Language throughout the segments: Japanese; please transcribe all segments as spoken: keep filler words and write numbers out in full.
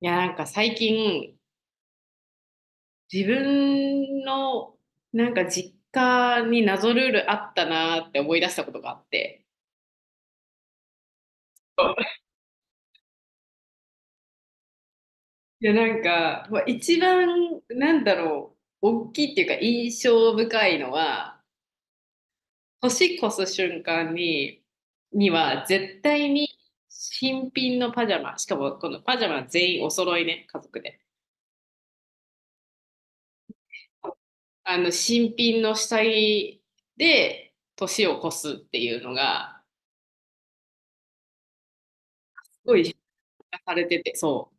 いや、なんか最近、自分のなんか実家に謎ルールあったなって思い出したことがあって。いや、なんか、ま、一番なんだろう、おっきいっていうか印象深いのは、年越す瞬間にには絶対に新品のパジャマ、しかもこのパジャマ全員お揃いね、家族で。あの新品の下着で年を越すっていうのが、すごいされてて、そ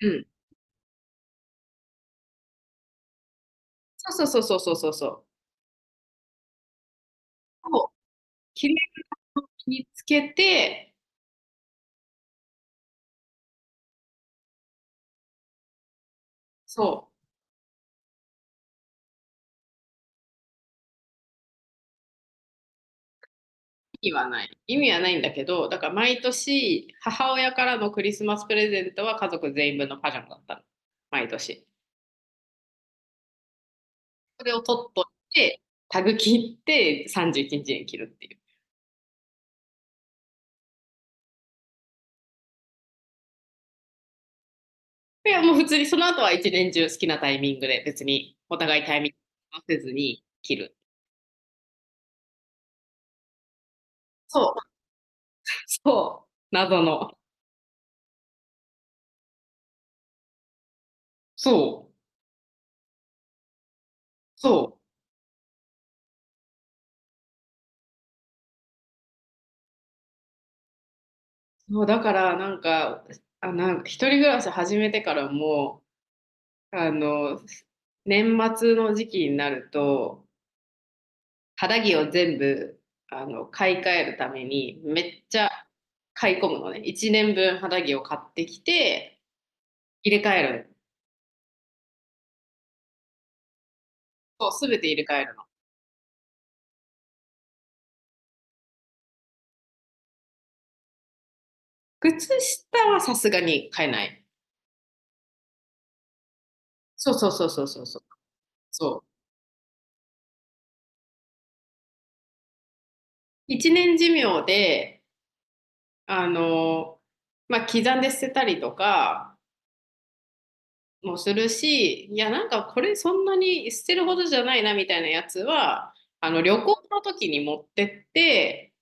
う。うん。う。そうそうそうそうそうそう。そう。綺麗を身につけて、そう。意味はない。意味はないんだけど、だから毎年、母親からのクリスマスプレゼントは家族全員分のパジャマだったの。毎年。それを取っといて、タグ切ってさんじゅういちにちにちに着るっていう。いや、もう普通にその後は一年中好きなタイミングで別にお互いタイミング合わせずに切る。そう。そう。謎の。そう。そう。そう、だからなんか、あ、なんか一人暮らし始めてからも、あの、年末の時期になると、肌着を全部、あの、買い替えるために、めっちゃ買い込むのね。いちねんぶん肌着を買ってきて、入れ替える。そう、すべて入れ替えるの。靴下はさすがに買えない。そうそうそうそうそうそう。そう。いちねん寿命で、あの、まあ、刻んで捨てたりとかもするし、いや、なんかこれそんなに捨てるほどじゃないなみたいなやつは、あの旅行の時に持ってって、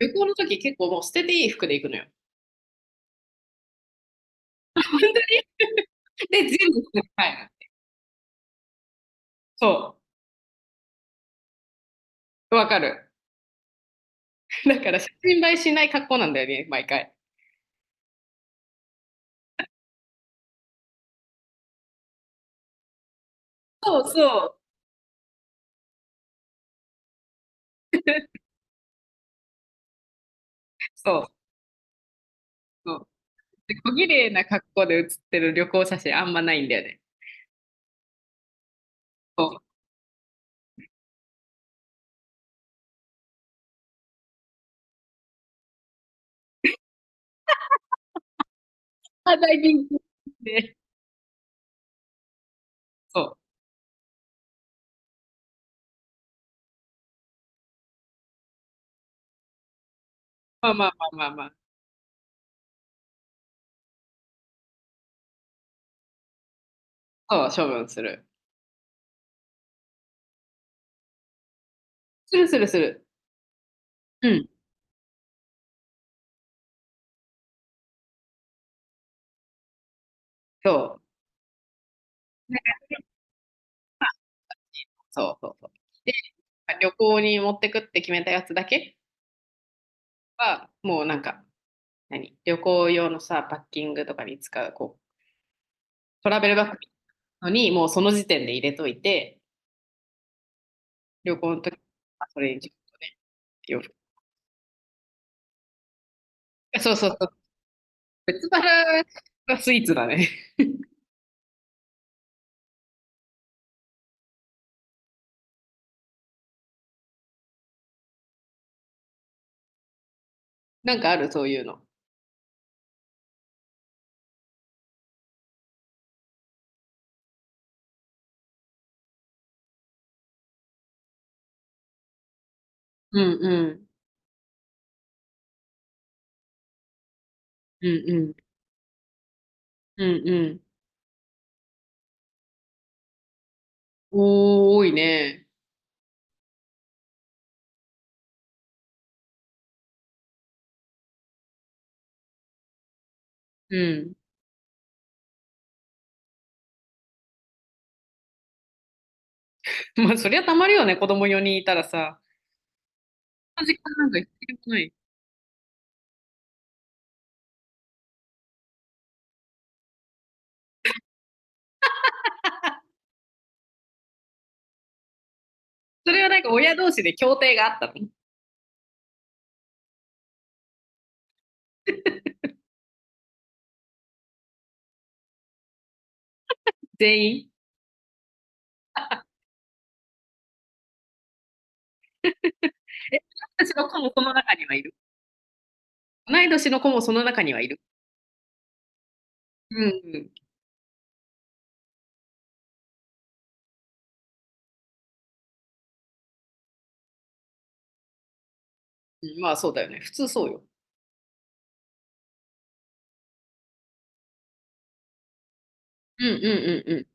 旅行の時結構もう捨てていい服で行くのよ。で、全部捨てて帰る。そう、わかる。だから写真映えしない格好なんだよね、毎回。そうそう。そうそう。で、小綺麗な格好で写ってる旅行写真あんまないんだよね。そう。あ、ダイビングで、そう。まあまあまあまあまあ。そう、処分する。するするする。うん、そう。そうそうそう。で、旅行に持ってくって決めたやつだけは、もうなんか、何旅行用のさ、パッキングとかに使う、こう、トラベルバッグのに、もうその時点で入れといて、旅行の時はそれにちょっとね、洋服。そうそうそう。別腹がスイーツだね。なんかある、そういうの。うんうん。うんうん。うんうん。おー、多いね。うん。まあ、そりゃたまるよね、子供よにんいたらさ。そんな時間なんか必要ない。それはなんか親同士で協定があったの。全員？え、私たちの子もその中にはいる。同い年の子もその中にはいる。うんうんうん。まあそうだよね。普通そうよ。うんうんうんうん。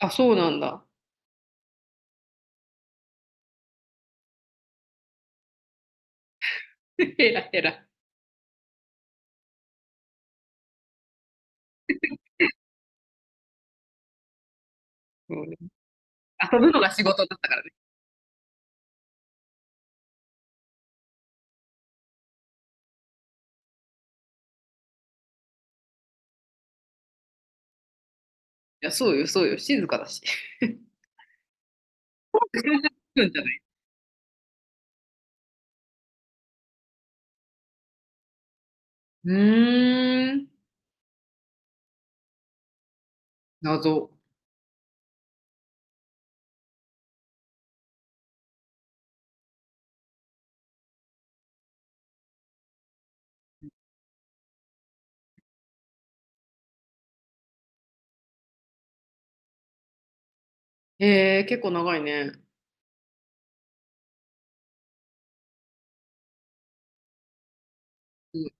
あ、そうなんだ。ヘらヘら。そうね、遊ぶのが仕事だったからね。いや、そうよ、そうよ。静かだし。うんじゃない？うーん。謎。へえー、結構長いね。うん、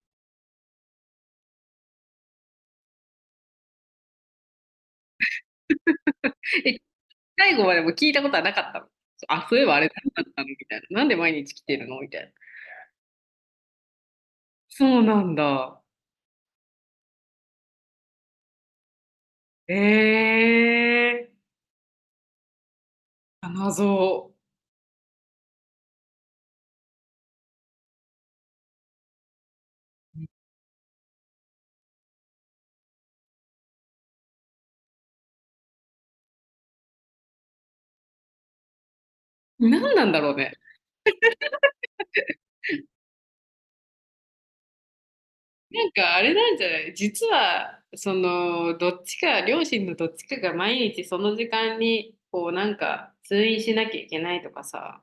え、最後までも聞いたことはなかったの。あ、そういえばあれ何だったのみたいな。なんで毎日来てるのみたいな。そうなんだ。ええー。あ、謎。何なんだろうね。なんかあれなんじゃない？実はそのどっちか、両親のどっちかが毎日その時間にこうなんか通院しなきゃいけないとかさ、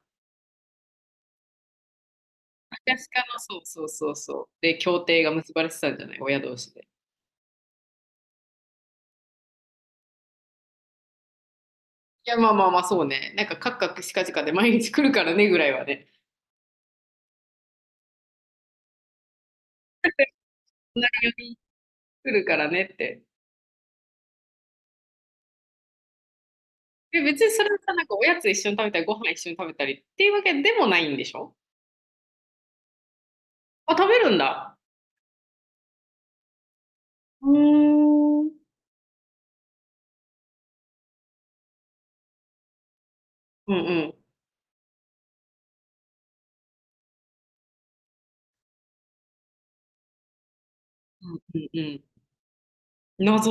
昔からの。そうそうそうそう、で協定が結ばれてたんじゃない、親同士で。いやまあまあまあ、そうね、なんかカクカクしかじかで毎日来るからねぐらいはね。隣に来るからねって。で、別にそれはさ、なんかおやつ一緒に食べたりご飯一緒に食べたりっていうわけでもないんでしょ？あ、食べるんだ。うーん。うんうんうんうんうん。謎。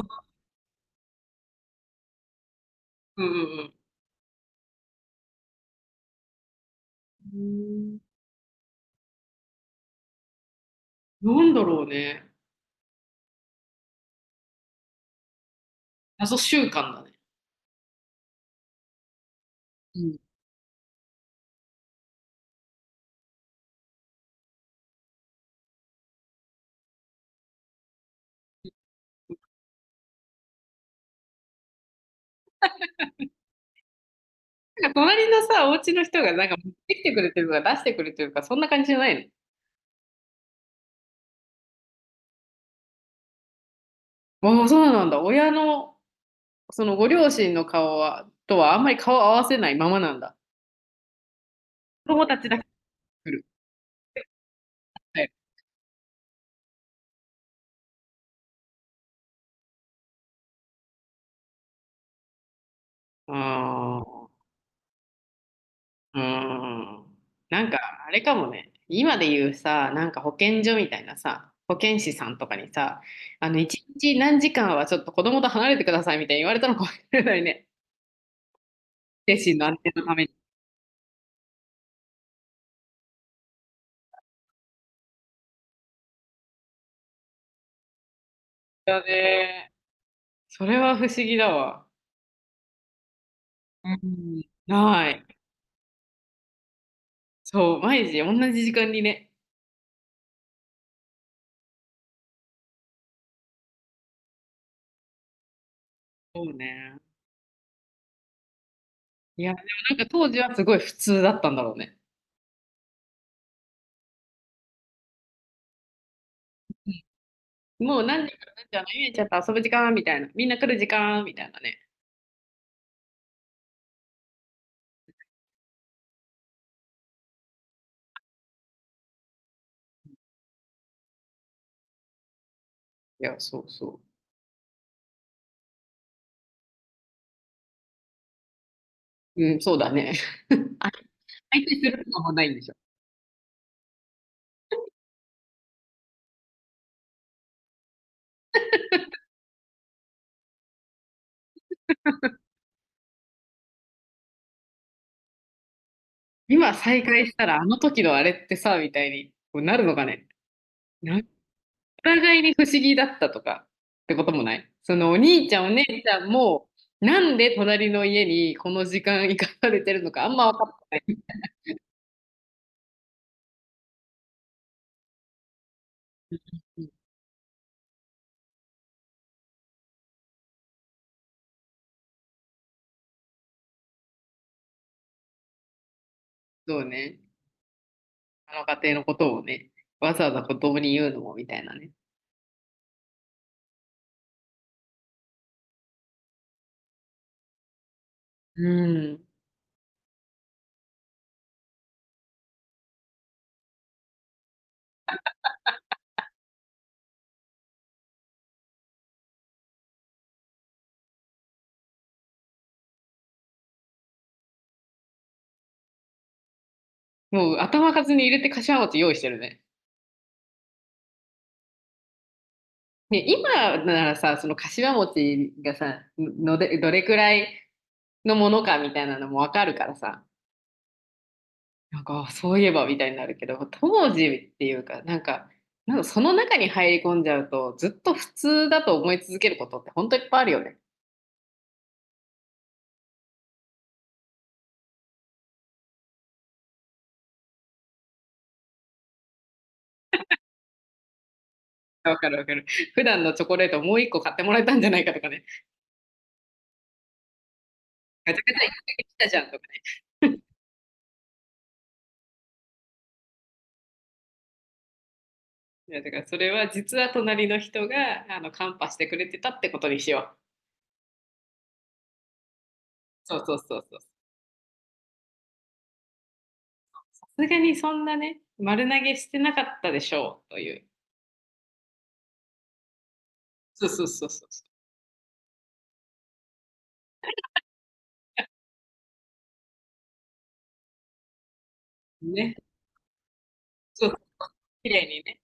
うんうんうん。うん。なんだろうね。謎習慣だね。うん。なんか隣のさ、お家の人がなんか持ってきてくれてるとか出してくれてるとか、そんな感じじゃないの？ああ、そうなんだ。親の、そのご両親の顔はとはあんまり顔を合わせないままなんだ。子供たちだけ来る。はい。ああ。うーん。なんか、あれかもね。今で言うさ、なんか保健所みたいなさ、保健師さんとかにさ、あの、一日何時間はちょっと子供と離れてくださいみたいに言われたのかもしれないね。精神の安定のために。だね。それは不思議だわ。うん。ない。そう、毎日同じ時間にね。そうね。いや、でもなんか当時はすごい普通だったんだろうね。もう何時から何時あの、ゆちゃんと遊ぶ時間みたいな、みんな来る時間みたいなね。いや、そうそう。うん、そうだね。再開するとかもないんでしょ。今再開したらあの時のあれってさ、みたいにこうなるのかね。なんかお互いに不思議だったとかってこともない。そのお兄ちゃんお姉ちゃんも、なんで隣の家にこの時間行かされてるのかあんま分かってない。そうね。あの家庭のことをね、わざわざ子供に言うのもみたいなね。うん。もう頭数に入れて柏餅用意してるね。ね、今ならさ、その柏餅がさ、のでどれくらいのものかみたいなのも分かるからさ、なんかそういえばみたいになるけど、当時っていうか、なんかなんかその中に入り込んじゃうとずっと普通だと思い続けることって本当いっぱいあるよね。わかるわかる。普段のチョコレートもう一個買ってもらえたんじゃないかとかね。ガチャガチャ来たじゃんとかね。だからそれは実は隣の人があのカンパしてくれてたってことにしよう。そうそうそうそう。さすがにそんなね、丸投げしてなかったでしょうという。そうそうそうそう。ね。そう、綺麗にね。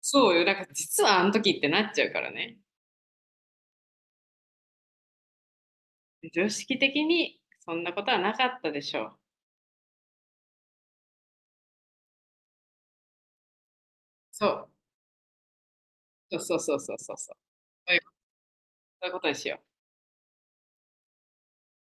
そうよ。だから実はあの時ってなっちゃうからね。常識的にそんなことはなかったでしょう。そう。そうそうそうそうそうそう。そういうことにしよう。